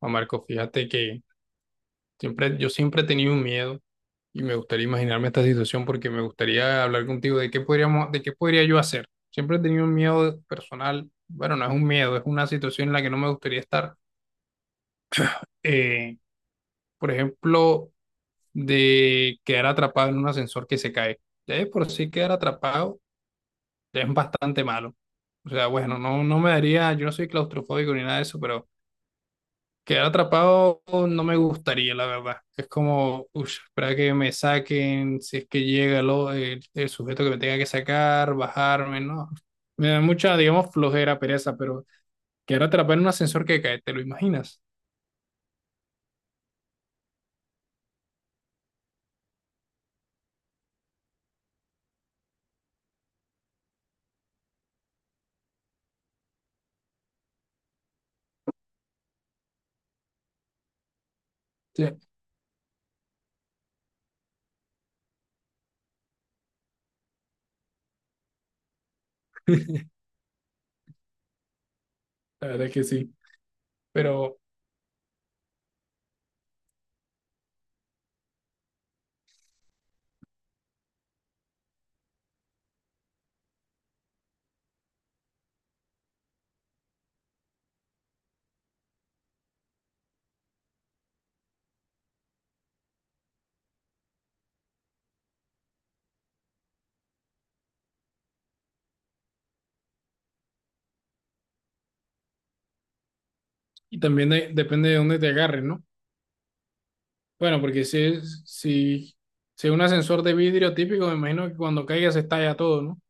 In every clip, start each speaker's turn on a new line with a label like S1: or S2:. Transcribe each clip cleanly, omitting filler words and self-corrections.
S1: Juan Marco, fíjate que siempre, yo siempre he tenido un miedo y me gustaría imaginarme esta situación porque me gustaría hablar contigo de qué podríamos, de qué podría yo hacer. Siempre he tenido un miedo personal, bueno, no es un miedo, es una situación en la que no me gustaría estar. Eh, por ejemplo, de quedar atrapado en un ascensor que se cae. Ya es por sí quedar atrapado, ya es bastante malo. O sea, bueno, no, no me daría, yo no soy claustrofóbico ni nada de eso, pero quedar atrapado no me gustaría, la verdad. Es como, uff, espera que me saquen, si es que llega el sujeto que me tenga que sacar, bajarme, ¿no? Me da mucha, digamos, flojera, pereza, pero quedar atrapado en un ascensor que cae, ¿te lo imaginas? Sí. La verdad es que sí. Pero, y también depende de dónde te agarren, ¿no? Bueno, porque si es un ascensor de vidrio típico, me imagino que cuando caiga se estalla todo, ¿no?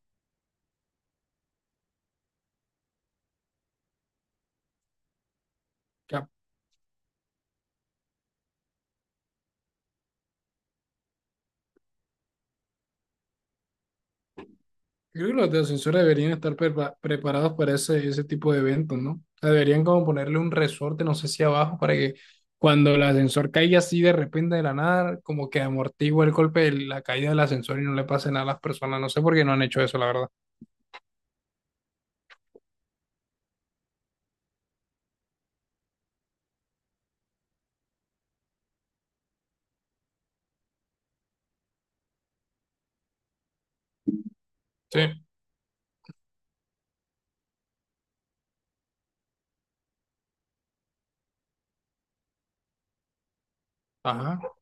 S1: Creo que los de ascensor deberían estar preparados para ese tipo de eventos, ¿no? O sea, deberían como ponerle un resorte, no sé si abajo, para que cuando el ascensor caiga así de repente de la nada, como que amortigua el golpe de la caída del ascensor y no le pase nada a las personas. No sé por qué no han hecho eso, la verdad. Sí, ajá,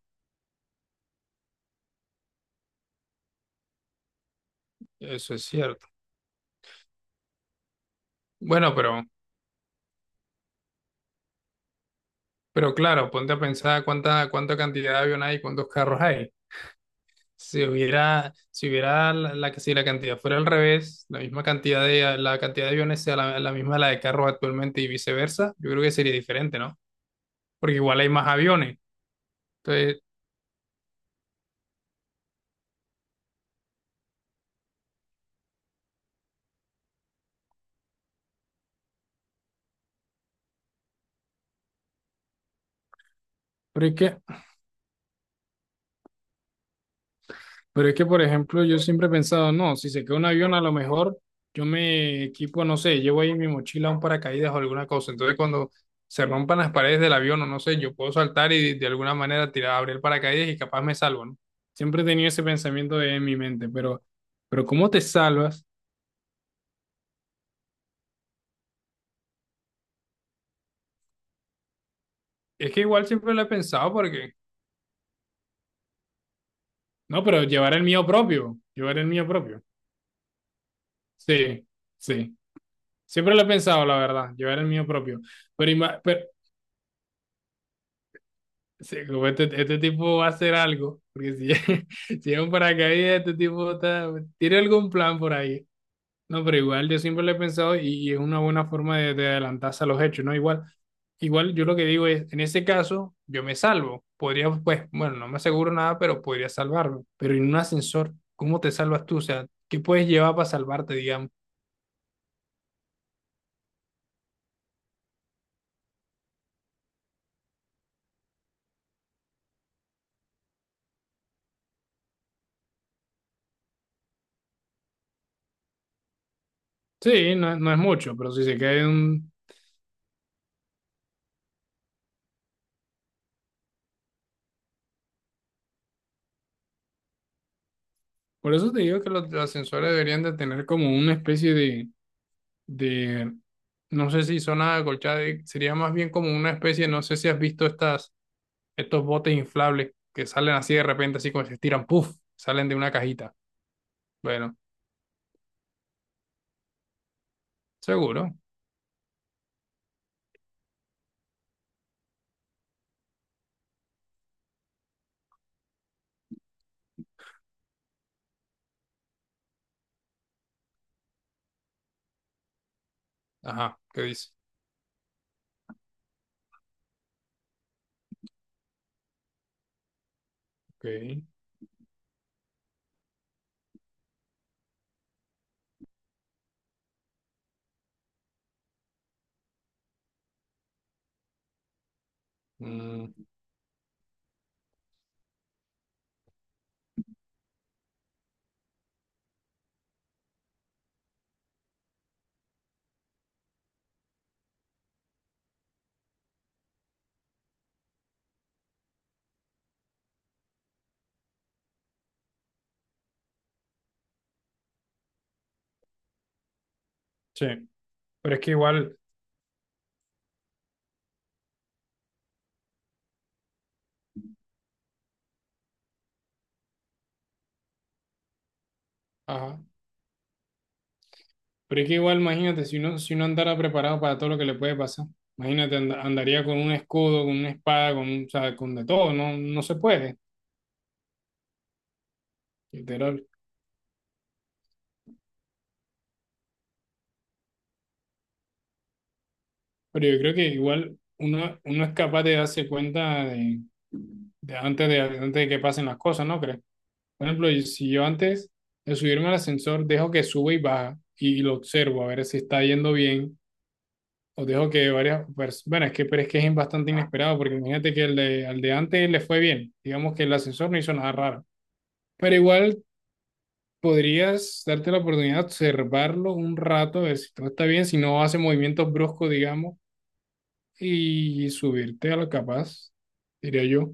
S1: eso es cierto. Bueno, pero claro, ponte a pensar cuánta cantidad de avión hay, cuántos carros hay. Si hubiera la, la que si la cantidad fuera al revés, la misma cantidad de la cantidad de aviones sea la, la misma de la de carros actualmente y viceversa, yo creo que sería diferente, ¿no? Porque igual hay más aviones. Entonces, pero es que Pero es que, por ejemplo, yo siempre he pensado, no, si se cae un avión, a lo mejor yo me equipo, no sé, llevo ahí en mi mochila un paracaídas o alguna cosa. Entonces, cuando se rompan las paredes del avión, o no sé, yo puedo saltar y de alguna manera tirar, abrir el paracaídas y capaz me salvo, ¿no? Siempre he tenido ese pensamiento en mi mente, pero ¿cómo te salvas? Es que igual siempre lo he pensado porque, no, pero llevar el mío propio, llevar el mío propio. Sí, sí. Siempre lo he pensado, la verdad, llevar el mío propio. Pero, sí, como este tipo va a hacer algo, porque si, si es un paracaídas, este tipo está, tiene algún plan por ahí. No, pero igual yo siempre lo he pensado y es una buena forma de adelantarse a los hechos, ¿no? Igual, igual yo lo que digo es, en ese caso, yo me salvo. Podría, pues, bueno, no me aseguro nada, pero podría salvarme. Pero en un ascensor, ¿cómo te salvas tú? O sea, ¿qué puedes llevar para salvarte, digamos? Sí, no, no es mucho, pero si se cae un... Por eso te digo que los ascensores deberían de tener como una especie de de No sé si zona acolchada sería más bien como una especie, no sé si has visto estos botes inflables que salen así de repente, así como se estiran, puff, salen de una cajita. Bueno, seguro. Ajá, ¿qué dice? Ok. Mm, sí, pero es que igual, ajá, imagínate, si uno andara preparado para todo lo que le puede pasar, imagínate, andaría con un escudo, con una espada, con, o sea, con de todo, no, no se puede, literal. Pero yo creo que igual uno es capaz de darse cuenta de antes de, antes de que pasen las cosas, ¿no crees? Por ejemplo, y si yo antes de subirme al ascensor dejo que sube y baja y, lo observo a ver si está yendo bien, o dejo que varias personas, bueno, es que, pero es que es bastante inesperado, porque imagínate que el de, al de antes le fue bien, digamos que el ascensor no hizo nada raro, pero igual podrías darte la oportunidad de observarlo un rato, a ver si todo está bien, si no hace movimientos bruscos, digamos y subirte a lo capaz, diría yo.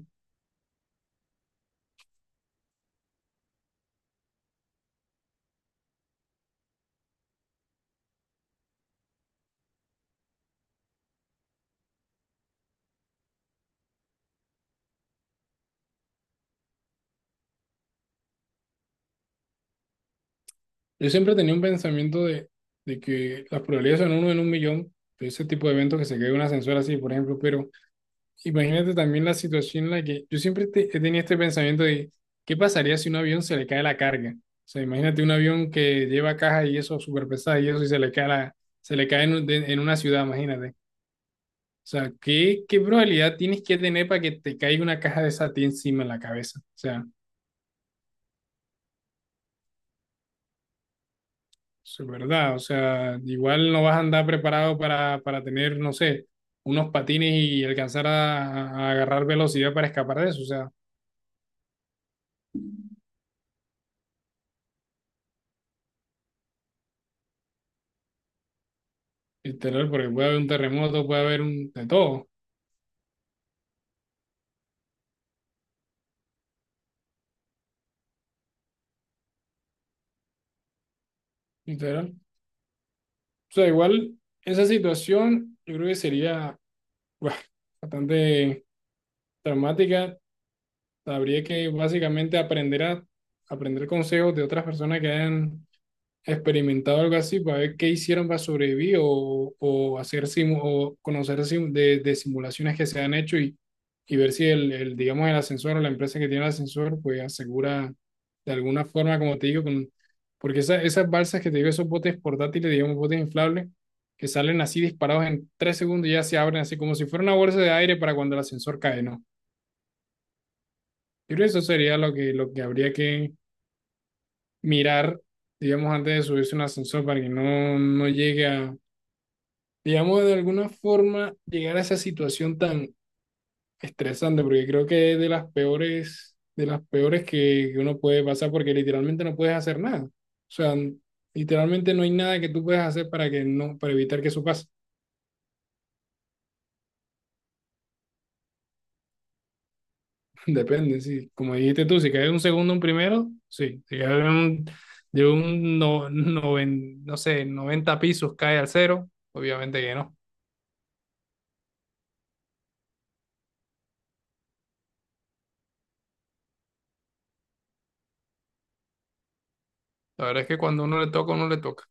S1: Yo siempre tenía un pensamiento de que las probabilidades son uno en un millón de ese tipo de eventos que se cae un ascensor así, por ejemplo, pero imagínate también la situación en la que yo siempre he tenido este pensamiento de qué pasaría si un avión se le cae la carga. O sea, imagínate un avión que lleva caja y eso súper pesada y eso y se le cae en, en una ciudad, imagínate. O sea, ¿qué, qué probabilidad tienes que tener para que te caiga una caja de esa a ti encima en la cabeza? O sea, eso es verdad, o sea, igual no vas a andar preparado para tener, no sé, unos patines y alcanzar a agarrar velocidad para escapar de eso, o sea, literal, porque puede haber un terremoto, puede haber un, de todo, literal. O sea, igual esa situación yo creo que sería buah, bastante traumática, habría que básicamente aprender a aprender consejos de otras personas que hayan experimentado algo así para ver qué hicieron para sobrevivir o hacer o conocer de simulaciones que se han hecho y ver si digamos, el ascensor o la empresa que tiene el ascensor pues asegura de alguna forma, como te digo, con, porque esas balsas que te digo, esos botes portátiles, digamos, botes inflables, que salen así disparados en 3 segundos y ya se abren así como si fuera una bolsa de aire para cuando el ascensor cae, ¿no? Yo creo que eso sería lo que, habría que mirar digamos, antes de subirse a un ascensor para que no, no llegue a, digamos, de alguna forma llegar a esa situación tan estresante, porque creo que es de las peores que uno puede pasar, porque literalmente no puedes hacer nada. O sea, literalmente no hay nada que tú puedas hacer para que no, para evitar que eso pase. Depende, sí. Como dijiste tú, si caes un segundo, un primero, sí. Si caes de un no sé, 90 pisos, cae al cero, obviamente que no. La verdad es que cuando uno le toca, uno le toca.